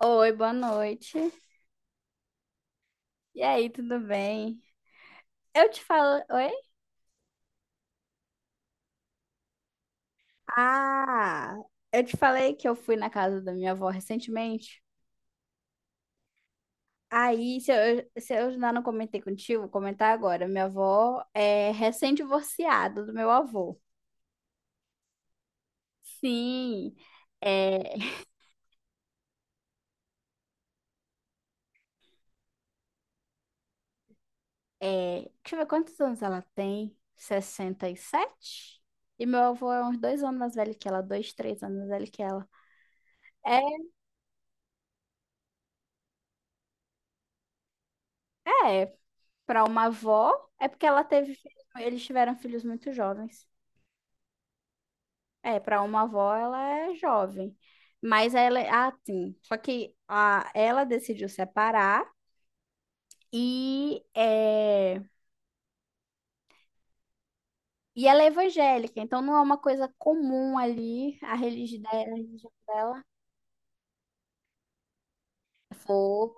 Oi, boa noite. E aí, tudo bem? Eu te falo. Oi? Ah, eu te falei que eu fui na casa da minha avó recentemente. Aí, se eu ainda não comentei contigo, vou comentar agora. Minha avó é recém-divorciada do meu avô. Sim. É, deixa eu ver quantos anos ela tem. 67. E meu avô é uns 2 anos mais velho que ela, dois, 3 anos mais velho que ela. É, é, Para uma avó, é porque ela teve filhos, eles tiveram filhos muito jovens. É, para uma avó ela é jovem. Mas ela, é, ah, sim. Só que a, ela decidiu separar e e ela é evangélica, então não é uma coisa comum ali a a religião dela. Foi,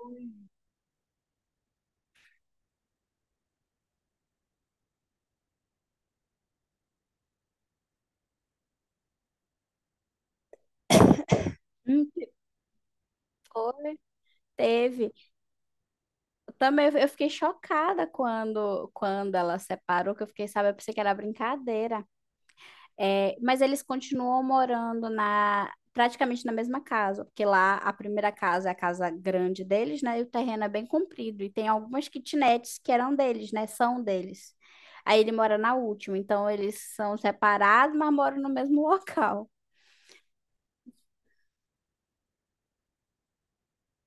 hum, foi, teve. Eu também eu fiquei chocada quando ela separou, que eu fiquei, sabe, eu pensei que era brincadeira. É, mas eles continuam morando na praticamente na mesma casa, porque lá a primeira casa é a casa grande deles, né? E o terreno é bem comprido e tem algumas kitnets que eram deles, né? São deles. Aí ele mora na última, então eles são separados, mas moram no mesmo local.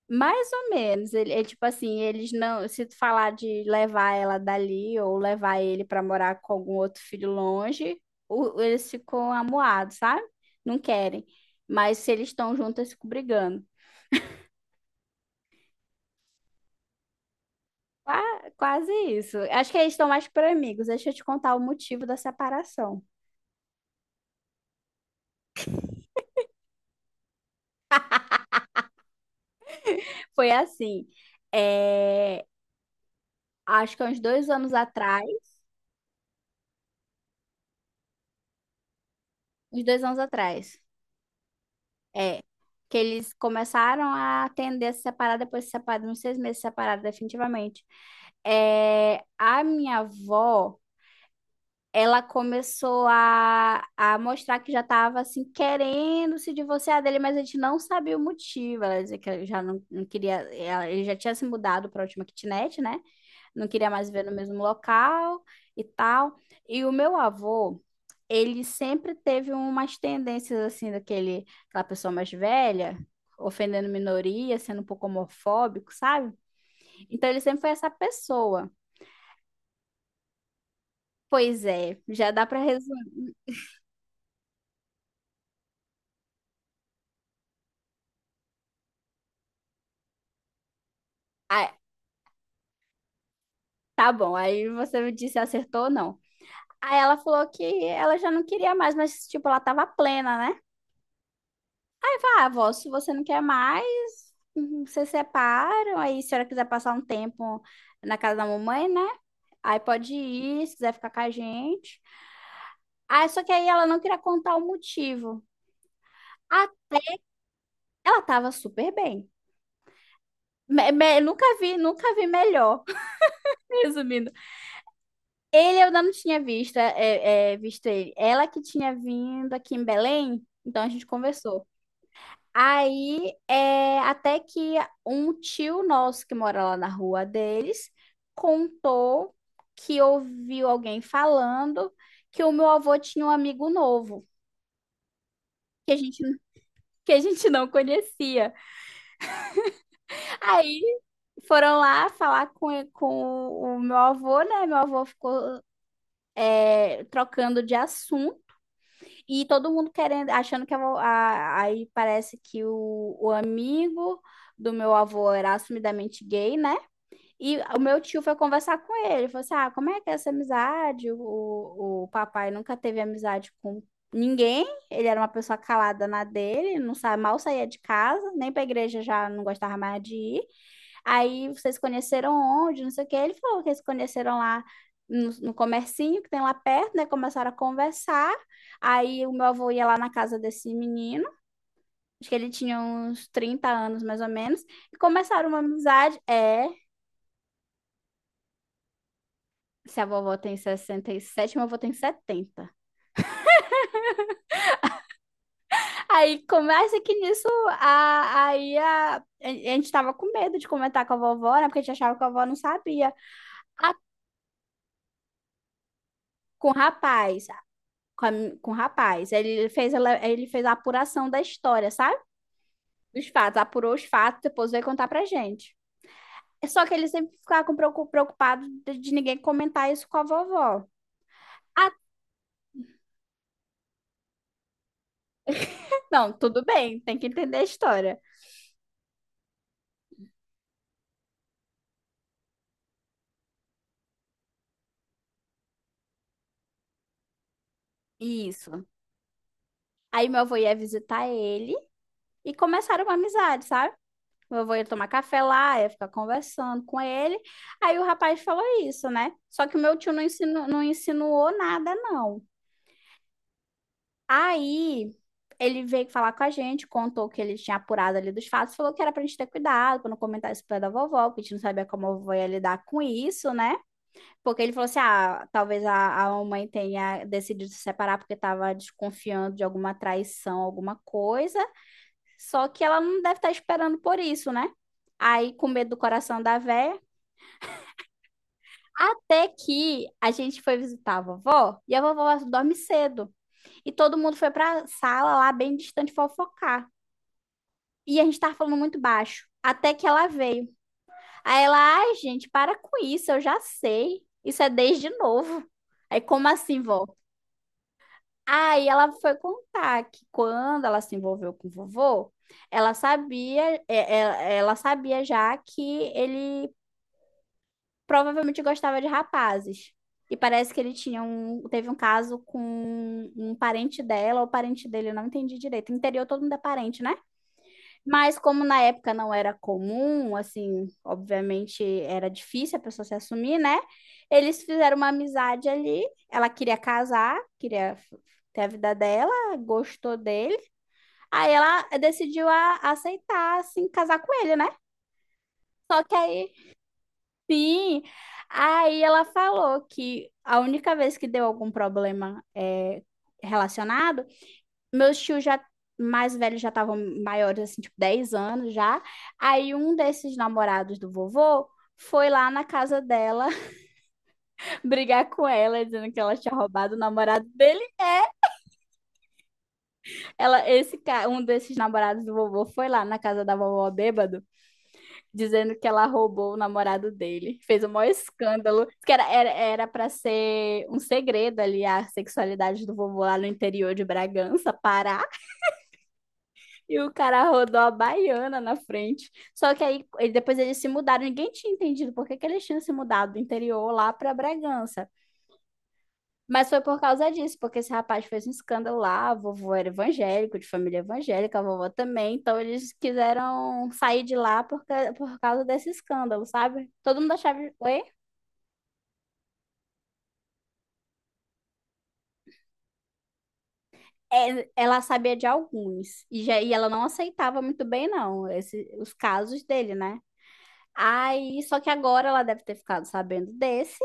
Mais ou menos, ele é tipo assim, eles não, se tu falar de levar ela dali ou levar ele pra morar com algum outro filho longe, eles ficam amuados, sabe? Não querem. Mas se eles estão juntos, eles ficam brigando. Quase isso. Acho que eles estão mais por amigos. Deixa eu te contar o motivo da separação. Foi assim, é, acho que há uns 2 anos atrás, uns dois anos atrás. É, que eles começaram a atender a se separar, depois se separaram, uns 6 meses separados definitivamente. É, a minha avó, ela começou a mostrar que já estava assim, querendo se divorciar dele, mas a gente não sabia o motivo. Ela dizia que já não queria, ele já tinha se mudado para a última kitnet, né? Não queria mais viver no mesmo local e tal. E o meu avô ele sempre teve umas tendências assim daquele, aquela pessoa mais velha, ofendendo minoria, sendo um pouco homofóbico, sabe? Então ele sempre foi essa pessoa. Pois é, já dá para resumir. Ah, tá bom, aí você me disse se acertou ou não. Aí ela falou que ela já não queria mais, mas tipo, ela tava plena, né? Tá, avó, se você não quer mais, uhum, vocês separam, aí se a senhora quiser passar um tempo na casa da mamãe, né? Aí pode ir, se quiser ficar com a gente. Ah, só que aí ela não queria contar o motivo. Ah, ela tava super bem. Nunca vi, nunca vi melhor. Resumindo, ele eu ainda não tinha visto, visto ele. Ela que tinha vindo aqui em Belém, então a gente conversou. Aí, é, até que um tio nosso que mora lá na rua deles contou que ouviu alguém falando que o meu avô tinha um amigo novo, que a gente, que a gente não conhecia. Aí foram lá falar com o meu avô, né? Meu avô ficou trocando de assunto e todo mundo querendo, achando que aí parece que o amigo do meu avô era assumidamente gay, né? E o meu tio foi conversar com ele, falou assim, ah, como é que é essa amizade? O papai nunca teve amizade com ninguém, ele era uma pessoa calada na dele, não sa mal saía de casa, nem pra igreja já não gostava mais de ir. Aí vocês conheceram onde, não sei o que. Ele falou que eles conheceram lá no comercinho que tem lá perto, né? Começaram a conversar. Aí o meu avô ia lá na casa desse menino, acho que ele tinha uns 30 anos mais ou menos, e começaram uma amizade. É, se a vovó tem 67, meu avô tem 70. Aí começa que nisso, a gente tava com medo de comentar com a vovó, né? Porque a gente achava que a vovó não sabia com o rapaz. com, a com o rapaz. Ele fez a apuração da história, sabe? Dos fatos, apurou os fatos, depois veio contar pra gente. Só que ele sempre ficava com preocupado de ninguém comentar isso com a vovó. Ah, não, tudo bem, tem que entender a história. Isso. Aí meu avô ia visitar ele e começaram uma amizade, sabe? Meu avô ia tomar café lá, ia ficar conversando com ele. Aí o rapaz falou isso, né? Só que o meu tio não insinuou nada, não. Aí ele veio falar com a gente, contou que ele tinha apurado ali dos fatos, falou que era pra gente ter cuidado, pra não comentar isso perto da vovó, porque a gente não sabia como a vovó ia lidar com isso, né? Porque ele falou assim: ah, talvez a mãe tenha decidido se separar porque tava desconfiando de alguma traição, alguma coisa, só que ela não deve estar esperando por isso, né? Aí, com medo do coração da véia. Até que a gente foi visitar a vovó e a vovó dorme cedo. E todo mundo foi pra sala lá bem distante fofocar. E a gente tava falando muito baixo. Até que ela veio. Aí ela, ai, gente, para com isso, eu já sei. Isso é desde novo. Aí, como assim, vó? Aí ela foi contar que quando ela se envolveu com o vovô, ela sabia, ela sabia já que ele provavelmente gostava de rapazes. E parece que ele teve um caso com um parente dela ou parente dele, eu não entendi direito. Interior todo mundo é parente, né? Mas como na época não era comum, assim, obviamente era difícil a pessoa se assumir, né? Eles fizeram uma amizade ali. Ela queria casar, ter a vida dela, gostou dele. Aí ela decidiu aceitar, assim, casar com ele, né? Só que aí, sim, aí ela falou que a única vez que deu algum problema relacionado meus tios já mais velhos já estavam maiores, assim, tipo 10 anos já. Aí um desses namorados do vovô foi lá na casa dela brigar com ela, dizendo que ela tinha roubado o namorado dele. Ela, um desses namorados do vovô foi lá na casa da vovó bêbado, dizendo que ela roubou o namorado dele. Fez o maior escândalo, que era para ser um segredo ali a sexualidade do vovô lá no interior de Bragança, Pará. E o cara rodou a baiana na frente. Só que depois eles se mudaram. Ninguém tinha entendido por que que eles tinham se mudado do interior lá para Bragança. Mas foi por causa disso, porque esse rapaz fez um escândalo lá. A vovô era evangélico, de família evangélica, a vovó também. Então eles quiseram sair de lá por causa desse escândalo, sabe? Todo mundo achava. Oi? É, ela sabia de alguns. E ela não aceitava muito bem, não, esse, os casos dele, né? Aí, só que agora ela deve ter ficado sabendo desse.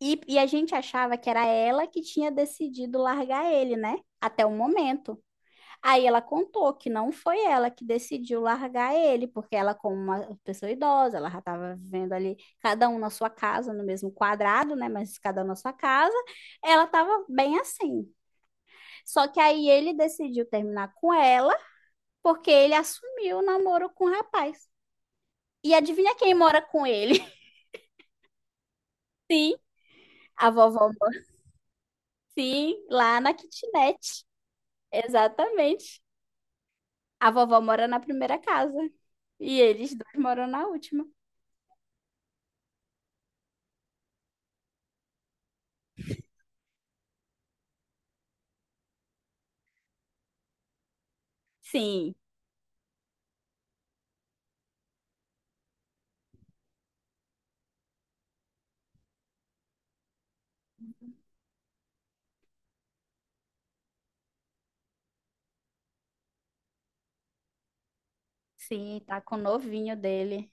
E a gente achava que era ela que tinha decidido largar ele, né? Até o momento. Aí ela contou que não foi ela que decidiu largar ele, porque ela, como uma pessoa idosa, ela já estava vivendo ali, cada um na sua casa, no mesmo quadrado, né? Mas cada um na sua casa. Ela estava bem assim. Só que aí ele decidiu terminar com ela, porque ele assumiu o namoro com o rapaz. E adivinha quem mora com ele? Sim, a vovó. Sim, lá na kitnet. Exatamente. A vovó mora na primeira casa e eles dois moram na última. Sim, sim, tá com o novinho dele.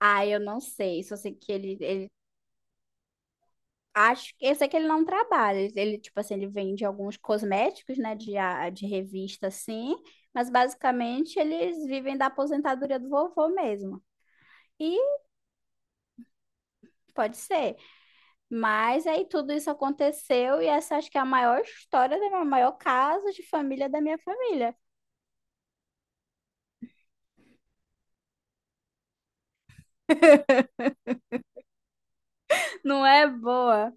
Ah, eu não sei, só sei que ele, acho que eu sei que ele não trabalha. Ele, tipo assim, ele vende alguns cosméticos, né, de revista assim, mas basicamente eles vivem da aposentadoria do vovô mesmo. E pode ser. Mas aí tudo isso aconteceu e essa acho que é a maior história, a maior caso de família da minha família. Não é boa.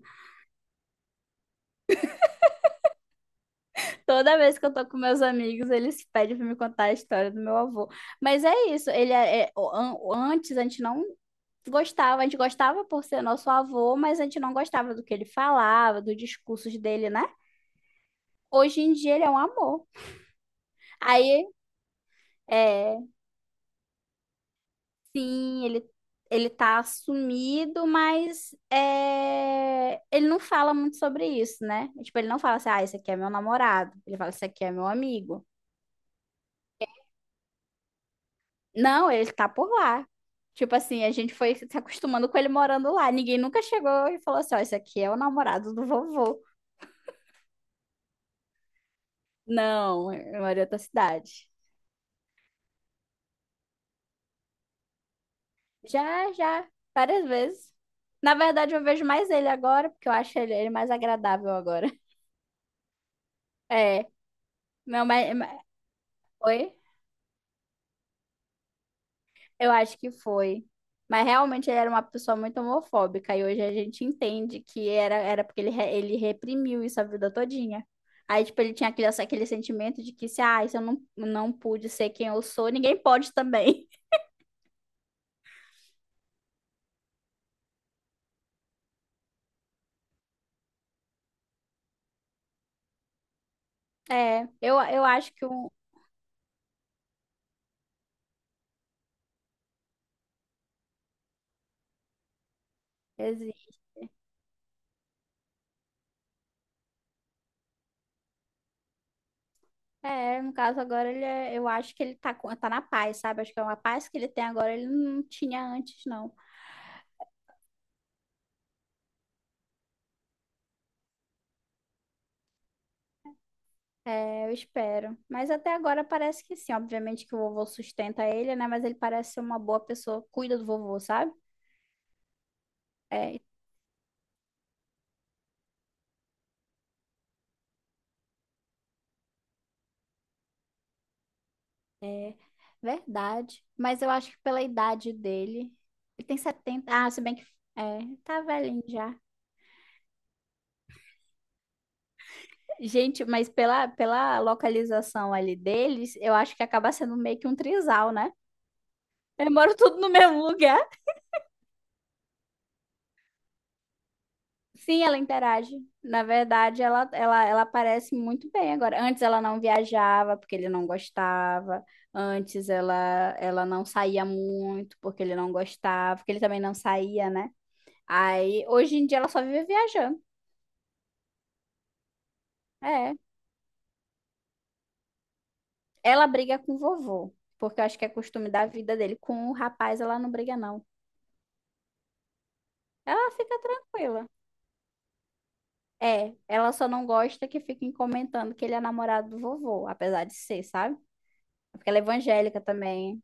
Toda vez que eu tô com meus amigos, eles pedem pra me contar a história do meu avô. Mas é isso, ele é, é- o- an- o- antes a gente não gostava, a gente gostava por ser nosso avô, mas a gente não gostava do que ele falava, dos discursos dele, né? Hoje em dia ele é um amor. Aí, é, sim, ele tá sumido, mas é, ele não fala muito sobre isso, né? Tipo, ele não fala assim, ah, esse aqui é meu namorado. Ele fala, esse aqui é meu amigo. Não, ele tá por lá. Tipo assim, a gente foi se acostumando com ele morando lá. Ninguém nunca chegou e falou assim, ó, esse aqui é o namorado do vovô. Não, eu moro em outra cidade. Já, já, várias vezes. Na verdade, eu vejo mais ele agora, porque eu acho ele mais agradável agora. É, meu, mas... Oi? Eu acho que foi. Mas realmente ele era uma pessoa muito homofóbica e hoje a gente entende que era porque ele, ele reprimiu isso a vida todinha. Aí, tipo, ele tinha aquele sentimento de que se, ah, se eu não, não pude ser quem eu sou, ninguém pode também. É, eu acho que um... exi- É, no caso agora, eu acho que ele tá, tá na paz, sabe? Acho que é uma paz que ele tem agora, ele não tinha antes, não. É, eu espero. Mas até agora parece que sim. Obviamente que o vovô sustenta ele, né? Mas ele parece ser uma boa pessoa, cuida do vovô, sabe? É verdade. Mas eu acho que pela idade dele. Ele tem 70. Ah, se bem que. É, tá velhinho já. Gente, mas pela localização ali deles, eu acho que acaba sendo meio que um trisal, né? Eles moram tudo no mesmo lugar. Sim, ela interage. Na verdade, ela aparece muito bem agora. Antes ela não viajava porque ele não gostava. Antes ela, ela não saía muito porque ele não gostava, porque ele também não saía, né? Aí hoje em dia ela só vive viajando. É. Ela briga com o vovô, porque eu acho que é costume da vida dele. Com o rapaz ela não briga, não. Ela fica tranquila. É, ela só não gosta que fiquem comentando que ele é namorado do vovô, apesar de ser, sabe? Porque ela é evangélica também.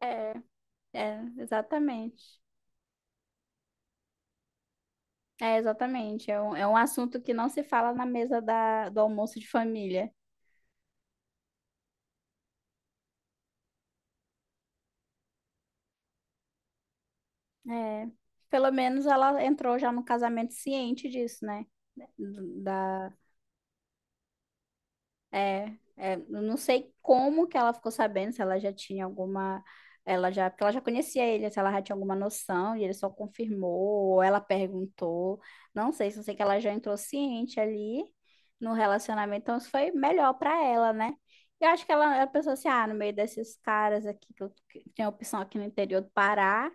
É, é, exatamente. É, exatamente. É um assunto que não se fala na mesa do almoço de família. É, pelo menos ela entrou já no casamento ciente disso, né? Da, é, é, eu não sei como que ela ficou sabendo, se ela já tinha alguma, ela já, porque ela já conhecia ele, se ela já tinha alguma noção e ele só confirmou, ou ela perguntou, não sei, só sei que ela já entrou ciente ali no relacionamento, então isso foi melhor pra ela, né? E eu acho que ela pensou assim, ah, no meio desses caras aqui, que, eu, que tem opção aqui no interior do Pará,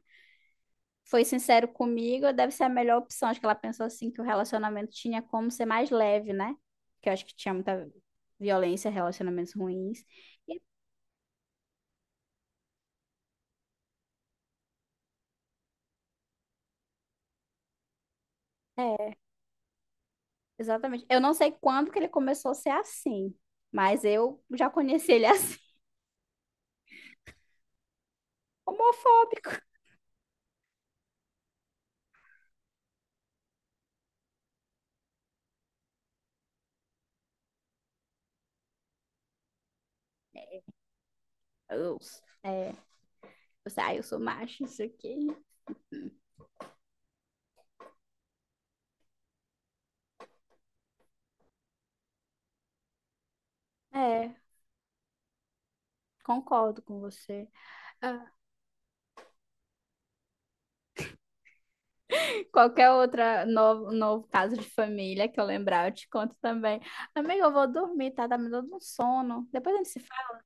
foi sincero comigo, deve ser a melhor opção. Acho que ela pensou assim que o relacionamento tinha como ser mais leve, né? Que eu acho que tinha muita violência, relacionamentos ruins. E- é, exatamente. Eu não sei quando que ele começou a ser assim, mas eu já conheci ele assim, homofóbico. Eu, é, eu, sei, ah, eu sou macho, isso aqui. É, concordo com você. Ah, qualquer outra novo caso de família que eu lembrar, eu te conto também. Amiga, eu vou dormir, tá? Tá me dando um sono. Depois a gente se fala.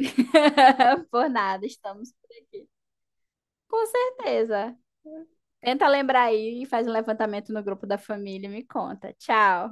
Por nada, estamos por aqui. Com certeza. Tenta lembrar aí e faz um levantamento no grupo da família e me conta. Tchau.